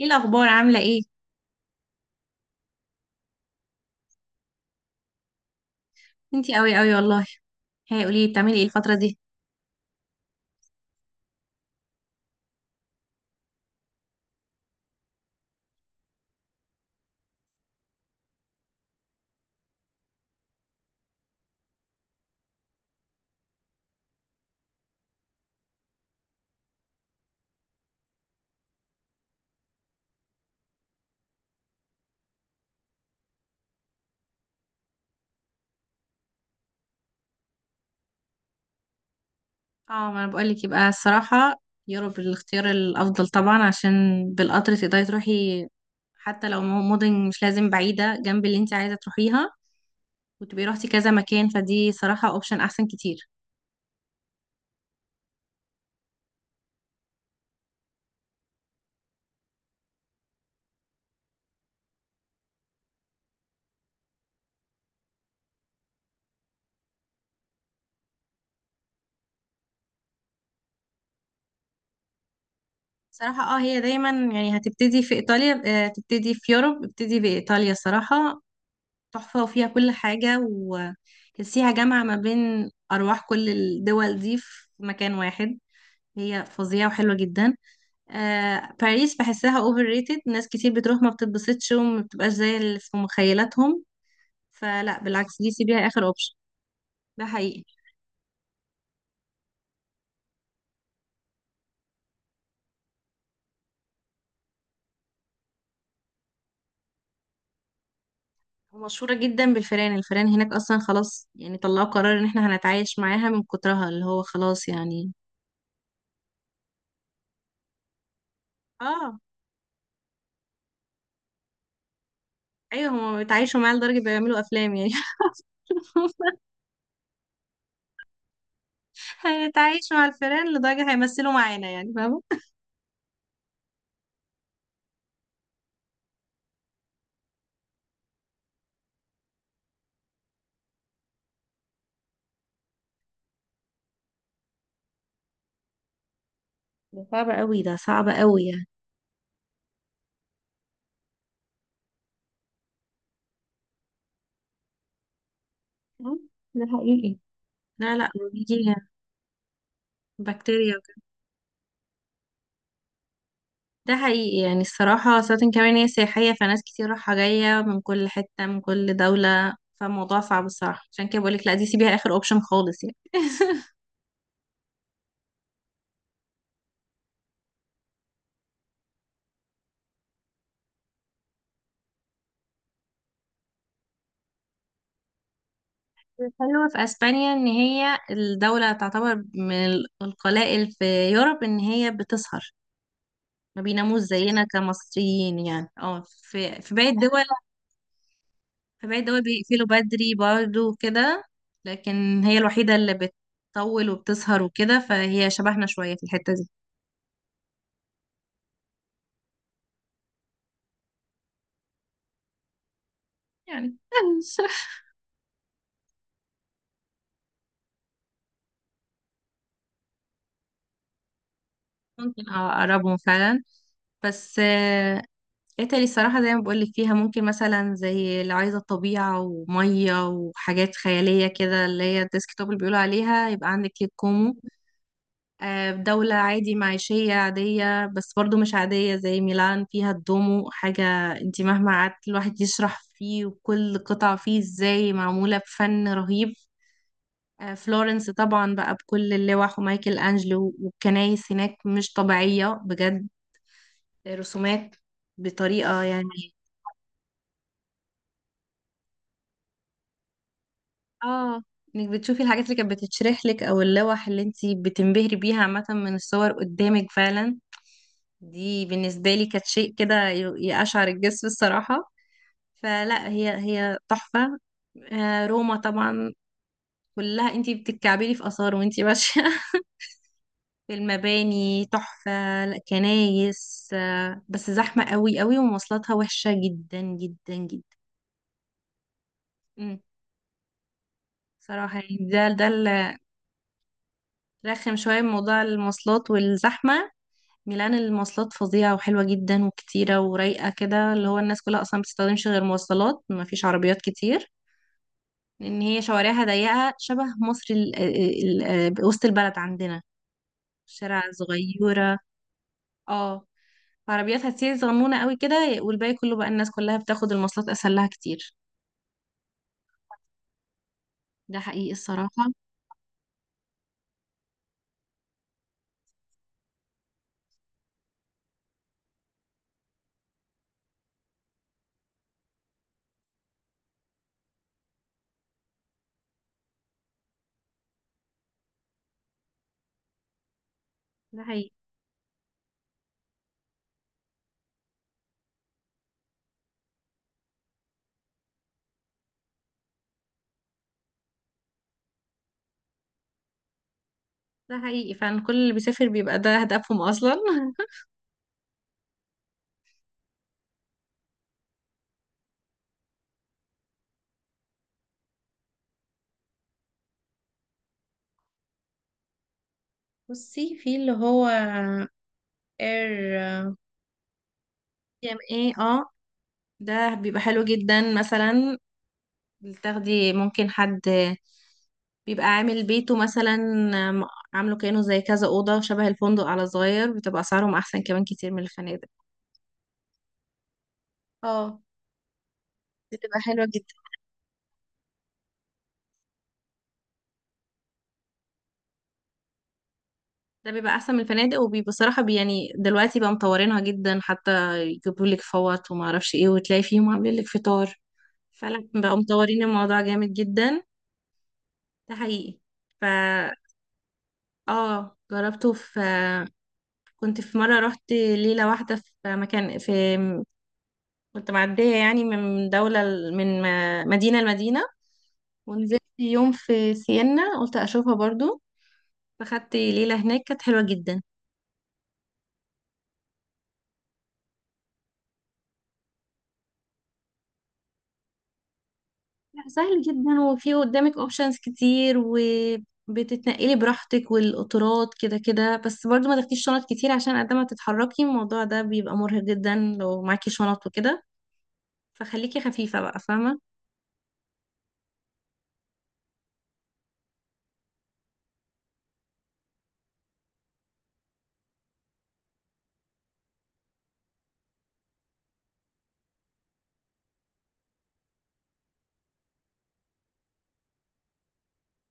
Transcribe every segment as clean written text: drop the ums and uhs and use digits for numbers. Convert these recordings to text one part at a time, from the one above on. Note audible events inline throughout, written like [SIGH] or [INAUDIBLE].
ايه الاخبار؟ عامله ايه؟ انتي قوي والله. هي قولي لي بتعملي ايه الفتره دي؟ اه ما انا بقول لك، يبقى الصراحه يوروب الاختيار الافضل طبعا، عشان بالقطر تقدري تروحي حتى لو مدن مش لازم بعيده جنب اللي انتي عايزه تروحيها، وتبقي روحتي كذا مكان، فدي صراحه اوبشن احسن كتير. صراحه اه، هي دايما يعني هتبتدي في ايطاليا. تبتدي في يوروب، ابتدي بايطاليا صراحه. تحفه وفيها كل حاجه، وتحسيها جامعه ما بين ارواح كل الدول دي في مكان واحد. هي فظيعة وحلوة جدا. باريس بحسها اوفر ريتد، ناس كتير بتروح ما بتتبسطش وما بتبقاش زي اللي في مخيلاتهم، فلا بالعكس دي سيبيها اخر اوبشن. ده حقيقي. ومشهورة جدا بالفيران، الفيران هناك اصلا خلاص يعني طلعوا قرار ان احنا هنتعايش معاها من كترها، اللي هو خلاص يعني. اه. ايوه هما بيتعايشوا معاها لدرجة بيعملوا افلام يعني. [LAUGHS] هنتعايش مع الفيران لدرجة هيمثلوا معانا، يعني فاهمة. ده صعب قوي يعني. مم. ده حقيقي. لا [LAUGHS] بيجي بكتيريا. ده حقيقي، يعني الصراحة سواء كمان هي سياحية، فناس كتير رايحة جاية من كل حتة من كل دولة، فالموضوع صعب الصراحة. عشان كده بقولك لا، دي سيبيها آخر أوبشن خالص يعني. [LAUGHS] الحلوة في أسبانيا إن هي الدولة تعتبر من القلائل في يوروب إن هي بتسهر، ما بيناموش زينا كمصريين يعني. اه، في باقي الدول، في باقي الدول بيقفلوا بدري برضه كده، لكن هي الوحيدة اللي بتطول وبتسهر وكده، فهي شبهنا شوية في الحتة دي يعني. [LAUGHS] ممكن اه، اقربهم فعلا. بس ايطالي الصراحة زي ما بقولك فيها ممكن مثلا زي اللي عايزة طبيعة ومية وحاجات خيالية كده، اللي هي الديسكتوب اللي بيقولوا عليها، يبقى عندك ليك كومو. دولة عادي معيشية عادية، بس برضو مش عادية زي ميلان فيها الدومو حاجة. انتي مهما قعدت الواحد يشرح فيه، وكل قطعة فيه ازاي معمولة بفن رهيب. فلورنس طبعا بقى بكل اللوح ومايكل أنجلو، والكنايس هناك مش طبيعية بجد. رسومات بطريقة يعني اه، انك بتشوفي الحاجات اللي كانت بتتشرح لك، او اللوح اللي انتي بتنبهري بيها عامة من الصور قدامك فعلا. دي بالنسبة لي كانت شيء كده يقشعر الجسم الصراحة. فلا هي تحفة. روما طبعا كلها انتي بتتكعبلي في آثار وانتي ماشية. [LAUGHS] في المباني تحفة. لا، كنايس. بس زحمة قوي ومواصلاتها وحشة جدا. مم. صراحة يعني ده رخم شوية موضوع المواصلات والزحمة. ميلان المواصلات فظيعة وحلوة جدا وكتيرة ورايقة كده، اللي هو الناس كلها أصلا بتستخدمش غير مواصلات، مفيش عربيات كتير، لأن هي شوارعها ضيقة شبه مصر ال وسط البلد عندنا. شارع صغيرة، اه، عربياتها كتير صغنونة قوي كده، والباقي كله بقى الناس كلها بتاخد المواصلات أسهل لها كتير. ده حقيقي الصراحة. ده حقيقي. ده حقيقي فعلا، كل اللي بيسافر بيبقى ده هدفهم أصلا. [LAUGHS] بصي في اللي هو اير. ام ايه، اه، ده بيبقى حلو جدا مثلا، بتاخدي ممكن حد بيبقى عامل بيته مثلا، آم، عامله كأنه زي كذا أوضة شبه الفندق على صغير، بتبقى أسعارهم أحسن كمان كتير من الفنادق. اه، بتبقى حلوة جدا. ده بيبقى أحسن من الفنادق، وبصراحة بي يعني دلوقتي بقى مطورينها جدا، حتى يجيبوا لك فوط وما أعرفش إيه، وتلاقي فيهم عاملين لك فطار. فعلا بقوا مطورين الموضوع جامد جدا. ده حقيقي. فا اه، جربته في، كنت في مرة رحت ليلة واحدة في مكان في، كنت معدية يعني من دولة ل- من م- مدينة لمدينة، ونزلت يوم في سينا قلت أشوفها برضو، فخدت ليلة هناك كانت حلوة جدا. لا سهل جدا، وفي قدامك اوبشنز كتير، وبتتنقلي براحتك والقطارات كده، بس برضو ما تاخديش شنط كتير، عشان قد ما تتحركي الموضوع ده بيبقى مرهق جدا لو معاكي شنط وكده، فخليكي خفيفة بقى، فاهمة.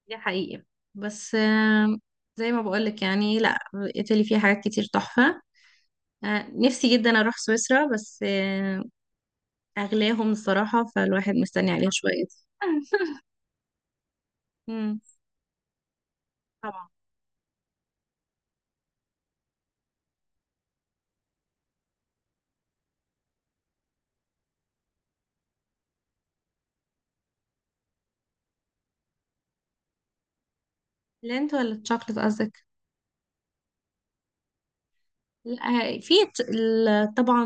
دي حقيقة. بس زي ما بقولك يعني لا، ايطالي فيها حاجات كتير تحفة. نفسي جدا اروح سويسرا، بس اغلاهم الصراحة، فالواحد مستني عليها شوية. [LAUGHS] مم، طبعا. لينت ولا الشوكلت قصدك؟ لا، في طبعا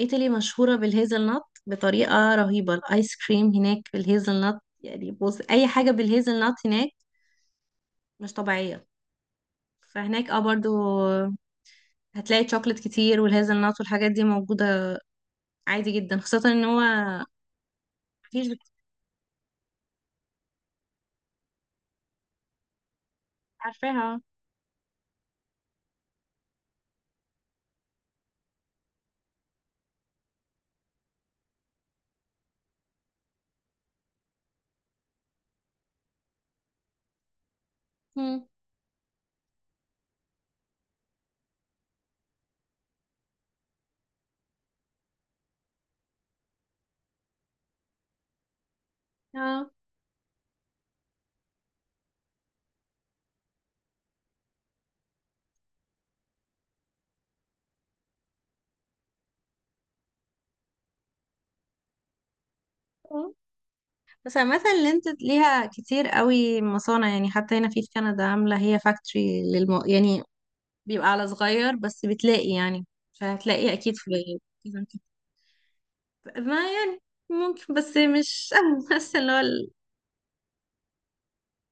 ايطالي مشهورة بالهيزل نut بطريقة رهيبة، الايس كريم هناك بالهيزل نut يعني، بص اي حاجة بالهيزل نut هناك مش طبيعية. فهناك اه برضو هتلاقي شوكلت كتير والهيزل نت والحاجات دي موجودة عادي جدا، خاصة ان هو مفيش. عارفاها. مم. اه. اه. بس مثلا اللي انت ليها كتير قوي مصانع يعني، حتى هنا في في كندا عاملة هي فاكتوري للم... يعني بيبقى على صغير بس بتلاقي يعني، فهتلاقي اكيد في. إذا انت- ما يعني ممكن بس مش [LAUGHS] بس اللي هو.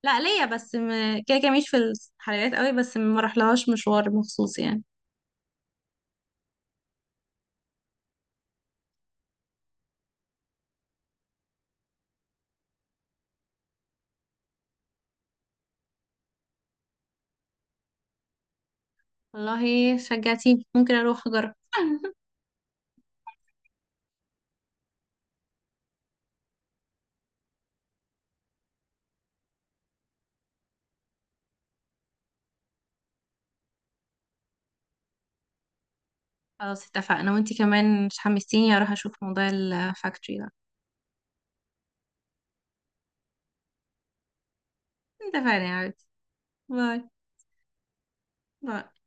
لا ليا بس م... كده كده مش في الحلقات قوي، بس ما رحلهاش مشوار مخصوص يعني. والله شجعتيني، ممكن اروح اجرب. خلاص اتفقنا، وانتي كمان مش حمستيني اروح اشوف موضوع الفاكتوري ده. اتفقنا يا عادي. باي باي.